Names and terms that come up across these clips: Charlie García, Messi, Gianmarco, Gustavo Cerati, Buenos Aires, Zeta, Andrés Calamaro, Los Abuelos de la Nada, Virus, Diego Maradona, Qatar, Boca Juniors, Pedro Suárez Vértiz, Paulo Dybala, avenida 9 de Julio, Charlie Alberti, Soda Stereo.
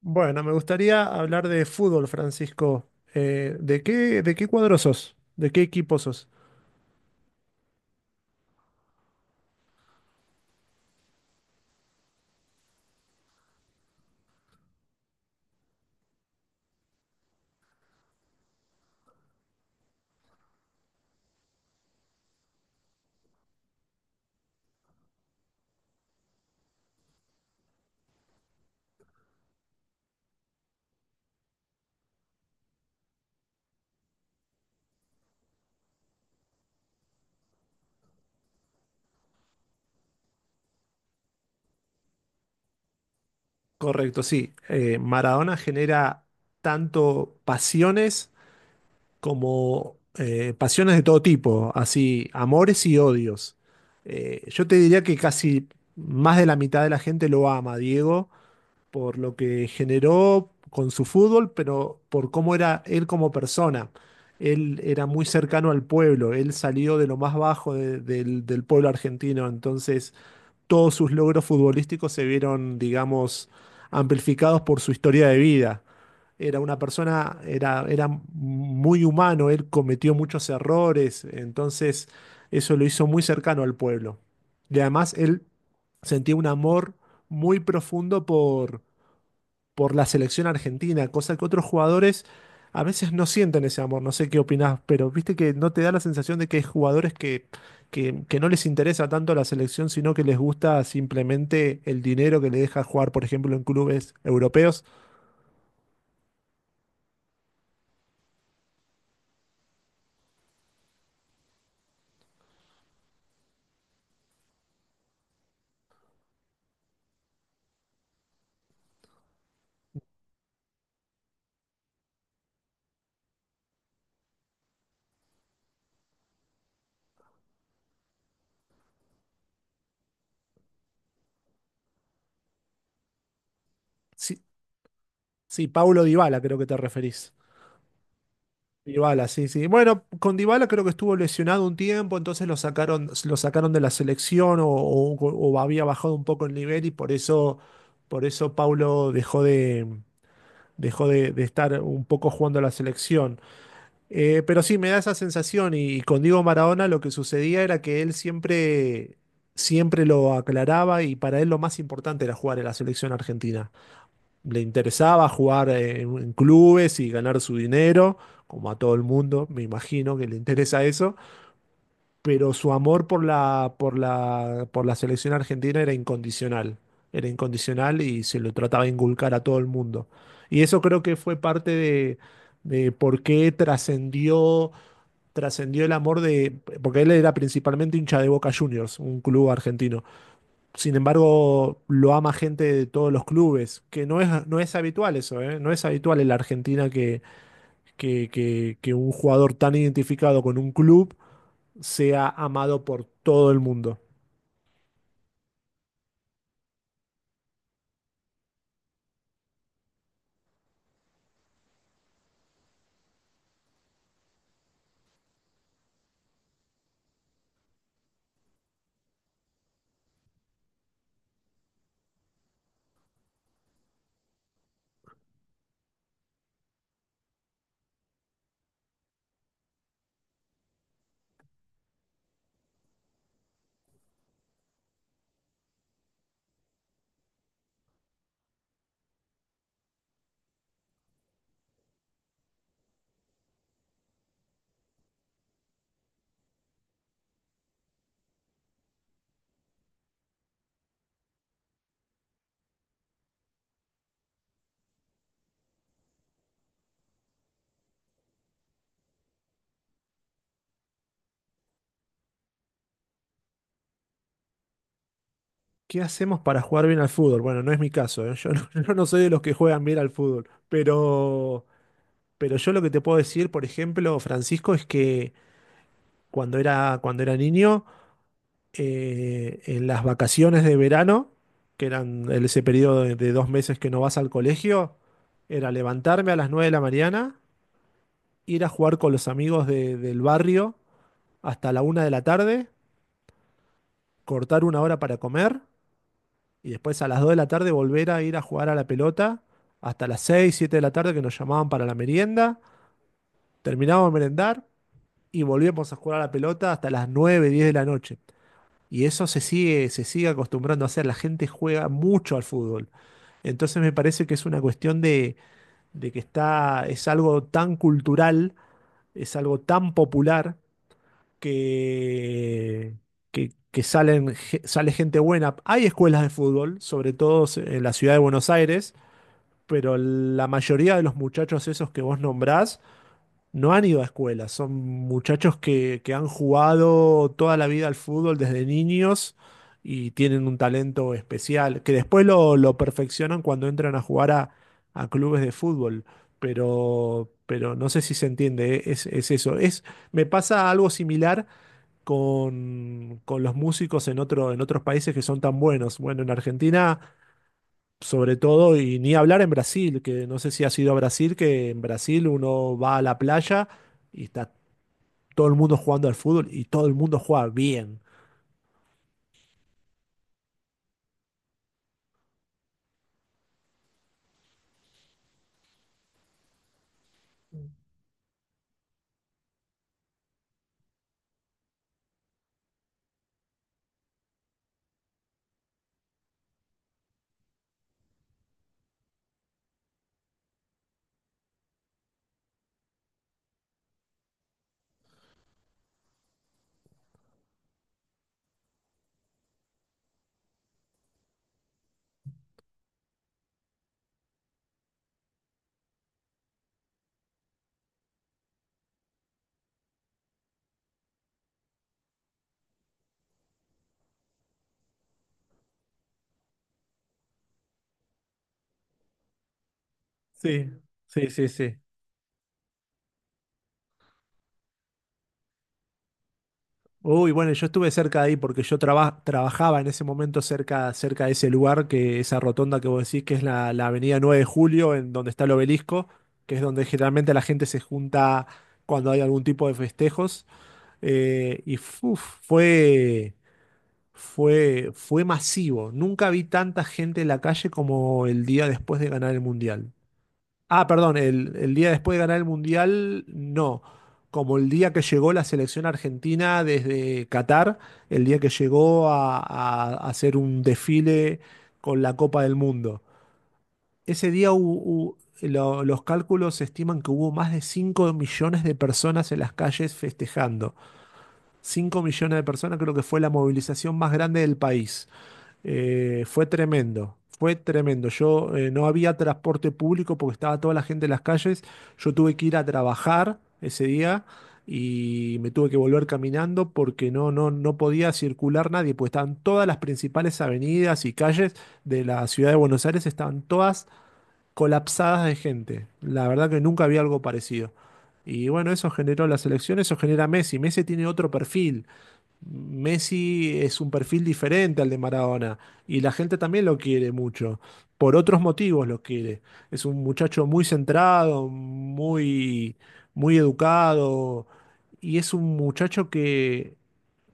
Bueno, me gustaría hablar de fútbol, Francisco. De qué cuadro sos? ¿De qué equipo sos? Correcto, sí. Maradona genera tanto pasiones como pasiones de todo tipo, así amores y odios. Yo te diría que casi más de la mitad de la gente lo ama, Diego, por lo que generó con su fútbol, pero por cómo era él como persona. Él era muy cercano al pueblo, él salió de lo más bajo del del pueblo argentino, entonces todos sus logros futbolísticos se vieron, digamos, amplificados por su historia de vida. Era una persona, era muy humano, él cometió muchos errores, entonces eso lo hizo muy cercano al pueblo. Y además él sentía un amor muy profundo por la selección argentina, cosa que otros jugadores a veces no sienten ese amor. No sé qué opinás, pero viste que no te da la sensación de que hay jugadores que no les interesa tanto la selección, sino que les gusta simplemente el dinero que le deja jugar, por ejemplo, en clubes europeos. Sí, sí, Paulo Dybala creo que te referís. Dybala, sí, sí. Bueno, con Dybala creo que estuvo lesionado un tiempo, entonces lo sacaron de la selección o había bajado un poco el nivel y por eso Paulo dejó de, dejó de estar un poco jugando a la selección. Pero sí, me da esa sensación y con Diego Maradona lo que sucedía era que él siempre, siempre lo aclaraba y para él lo más importante era jugar en la selección argentina. Le interesaba jugar en clubes y ganar su dinero, como a todo el mundo, me imagino que le interesa eso, pero su amor por la, por la selección argentina era incondicional. Era incondicional y se lo trataba de inculcar a todo el mundo. Y eso creo que fue parte de por qué trascendió, trascendió el amor de, porque él era principalmente hincha de Boca Juniors, un club argentino. Sin embargo, lo ama gente de todos los clubes, que no es, no es habitual eso, ¿eh? No es habitual en la Argentina que, que un jugador tan identificado con un club sea amado por todo el mundo. ¿Qué hacemos para jugar bien al fútbol? Bueno, no es mi caso, ¿eh? Yo no, yo no soy de los que juegan bien al fútbol, pero yo lo que te puedo decir, por ejemplo, Francisco, es que cuando era niño, en las vacaciones de verano, que eran ese periodo de dos meses que no vas al colegio, era levantarme a las 9 de la mañana, ir a jugar con los amigos del barrio hasta la una de la tarde, cortar una hora para comer y después a las 2 de la tarde volver a ir a jugar a la pelota hasta las 6 7 de la tarde que nos llamaban para la merienda, terminábamos de merendar y volvíamos a jugar a la pelota hasta las 9 10 de la noche. Y eso se sigue acostumbrando a hacer. La gente juega mucho al fútbol. Entonces me parece que es una cuestión de que está, es algo tan cultural, es algo tan popular que, que salen, sale gente buena. Hay escuelas de fútbol, sobre todo en la ciudad de Buenos Aires, pero la mayoría de los muchachos esos que vos nombrás no han ido a escuela, son muchachos que han jugado toda la vida al fútbol desde niños y tienen un talento especial, que después lo perfeccionan cuando entran a jugar a clubes de fútbol, pero no sé si se entiende, ¿eh? Es eso. Es, me pasa algo similar con los músicos en otro, en otros países que son tan buenos. Bueno, en Argentina sobre todo, y ni hablar en Brasil, que no sé si has ido a Brasil, que en Brasil uno va a la playa y está todo el mundo jugando al fútbol y todo el mundo juega bien. Sí, sí, sí, sí. Uy, bueno, yo estuve cerca de ahí porque yo trabajaba en ese momento cerca, cerca de ese lugar, que esa rotonda que vos decís, que es la, la avenida 9 de Julio, en donde está el obelisco, que es donde generalmente la gente se junta cuando hay algún tipo de festejos. eh, y fu- fue. Fue, fue masivo. Nunca vi tanta gente en la calle como el día después de ganar el Mundial. Ah, perdón, el día después de ganar el Mundial, no. Como el día que llegó la selección argentina desde Qatar, el día que llegó a, a hacer un desfile con la Copa del Mundo. Ese día los cálculos estiman que hubo más de 5 millones de personas en las calles festejando. 5 millones de personas creo que fue la movilización más grande del país. Fue tremendo, fue tremendo. Yo no había transporte público porque estaba toda la gente en las calles. Yo tuve que ir a trabajar ese día y me tuve que volver caminando porque no, no podía circular nadie, pues estaban todas las principales avenidas y calles de la ciudad de Buenos Aires, estaban todas colapsadas de gente. La verdad que nunca había algo parecido. Y bueno, eso generó las elecciones, eso genera Messi. Messi tiene otro perfil. Messi es un perfil diferente al de Maradona y la gente también lo quiere mucho. Por otros motivos lo quiere. Es un muchacho muy centrado, muy, muy educado y es un muchacho que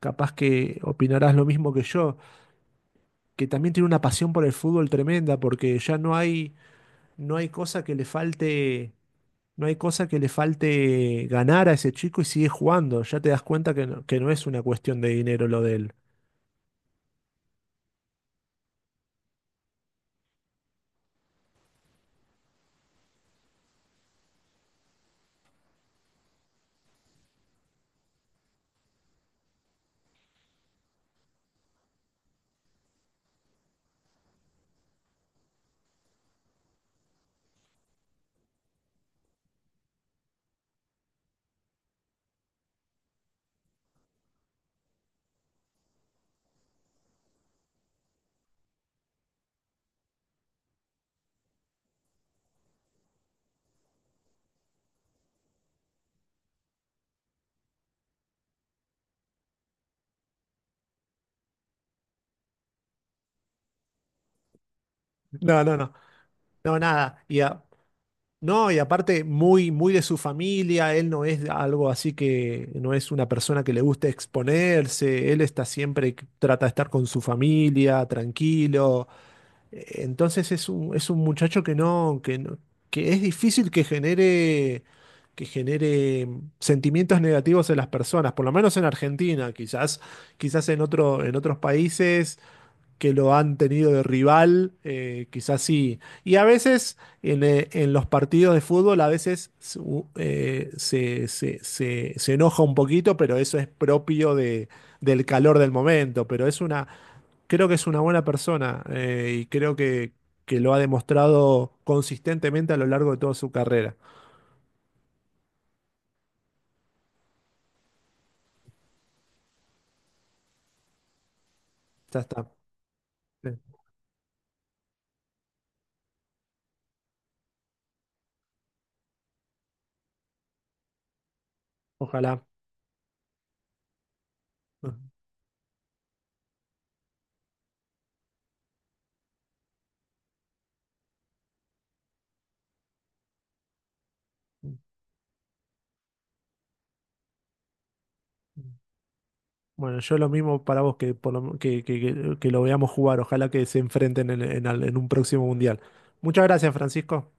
capaz que opinarás lo mismo que yo, que también tiene una pasión por el fútbol tremenda porque ya no hay, no hay cosa que le falte. No hay cosa que le falte ganar a ese chico y sigue jugando. Ya te das cuenta que no es una cuestión de dinero lo de él. No, no, no. No, nada. No, y aparte muy, muy de su familia, él no es algo así que no es una persona que le guste exponerse, él está siempre, que trata de estar con su familia, tranquilo. Entonces es un muchacho que no, que es difícil que genere sentimientos negativos en las personas, por lo menos en Argentina, quizás, quizás en otro, en otros países que lo han tenido de rival, quizás sí. Y a veces en los partidos de fútbol, a veces se enoja un poquito, pero eso es propio de, del calor del momento. Pero es una, creo que es una buena persona y creo que lo ha demostrado consistentemente a lo largo de toda su carrera. Ya está. Sí. Ojalá. Bueno, yo lo mismo para vos que, por lo- que lo veamos jugar. Ojalá que se enfrenten en, en un próximo mundial. Muchas gracias, Francisco.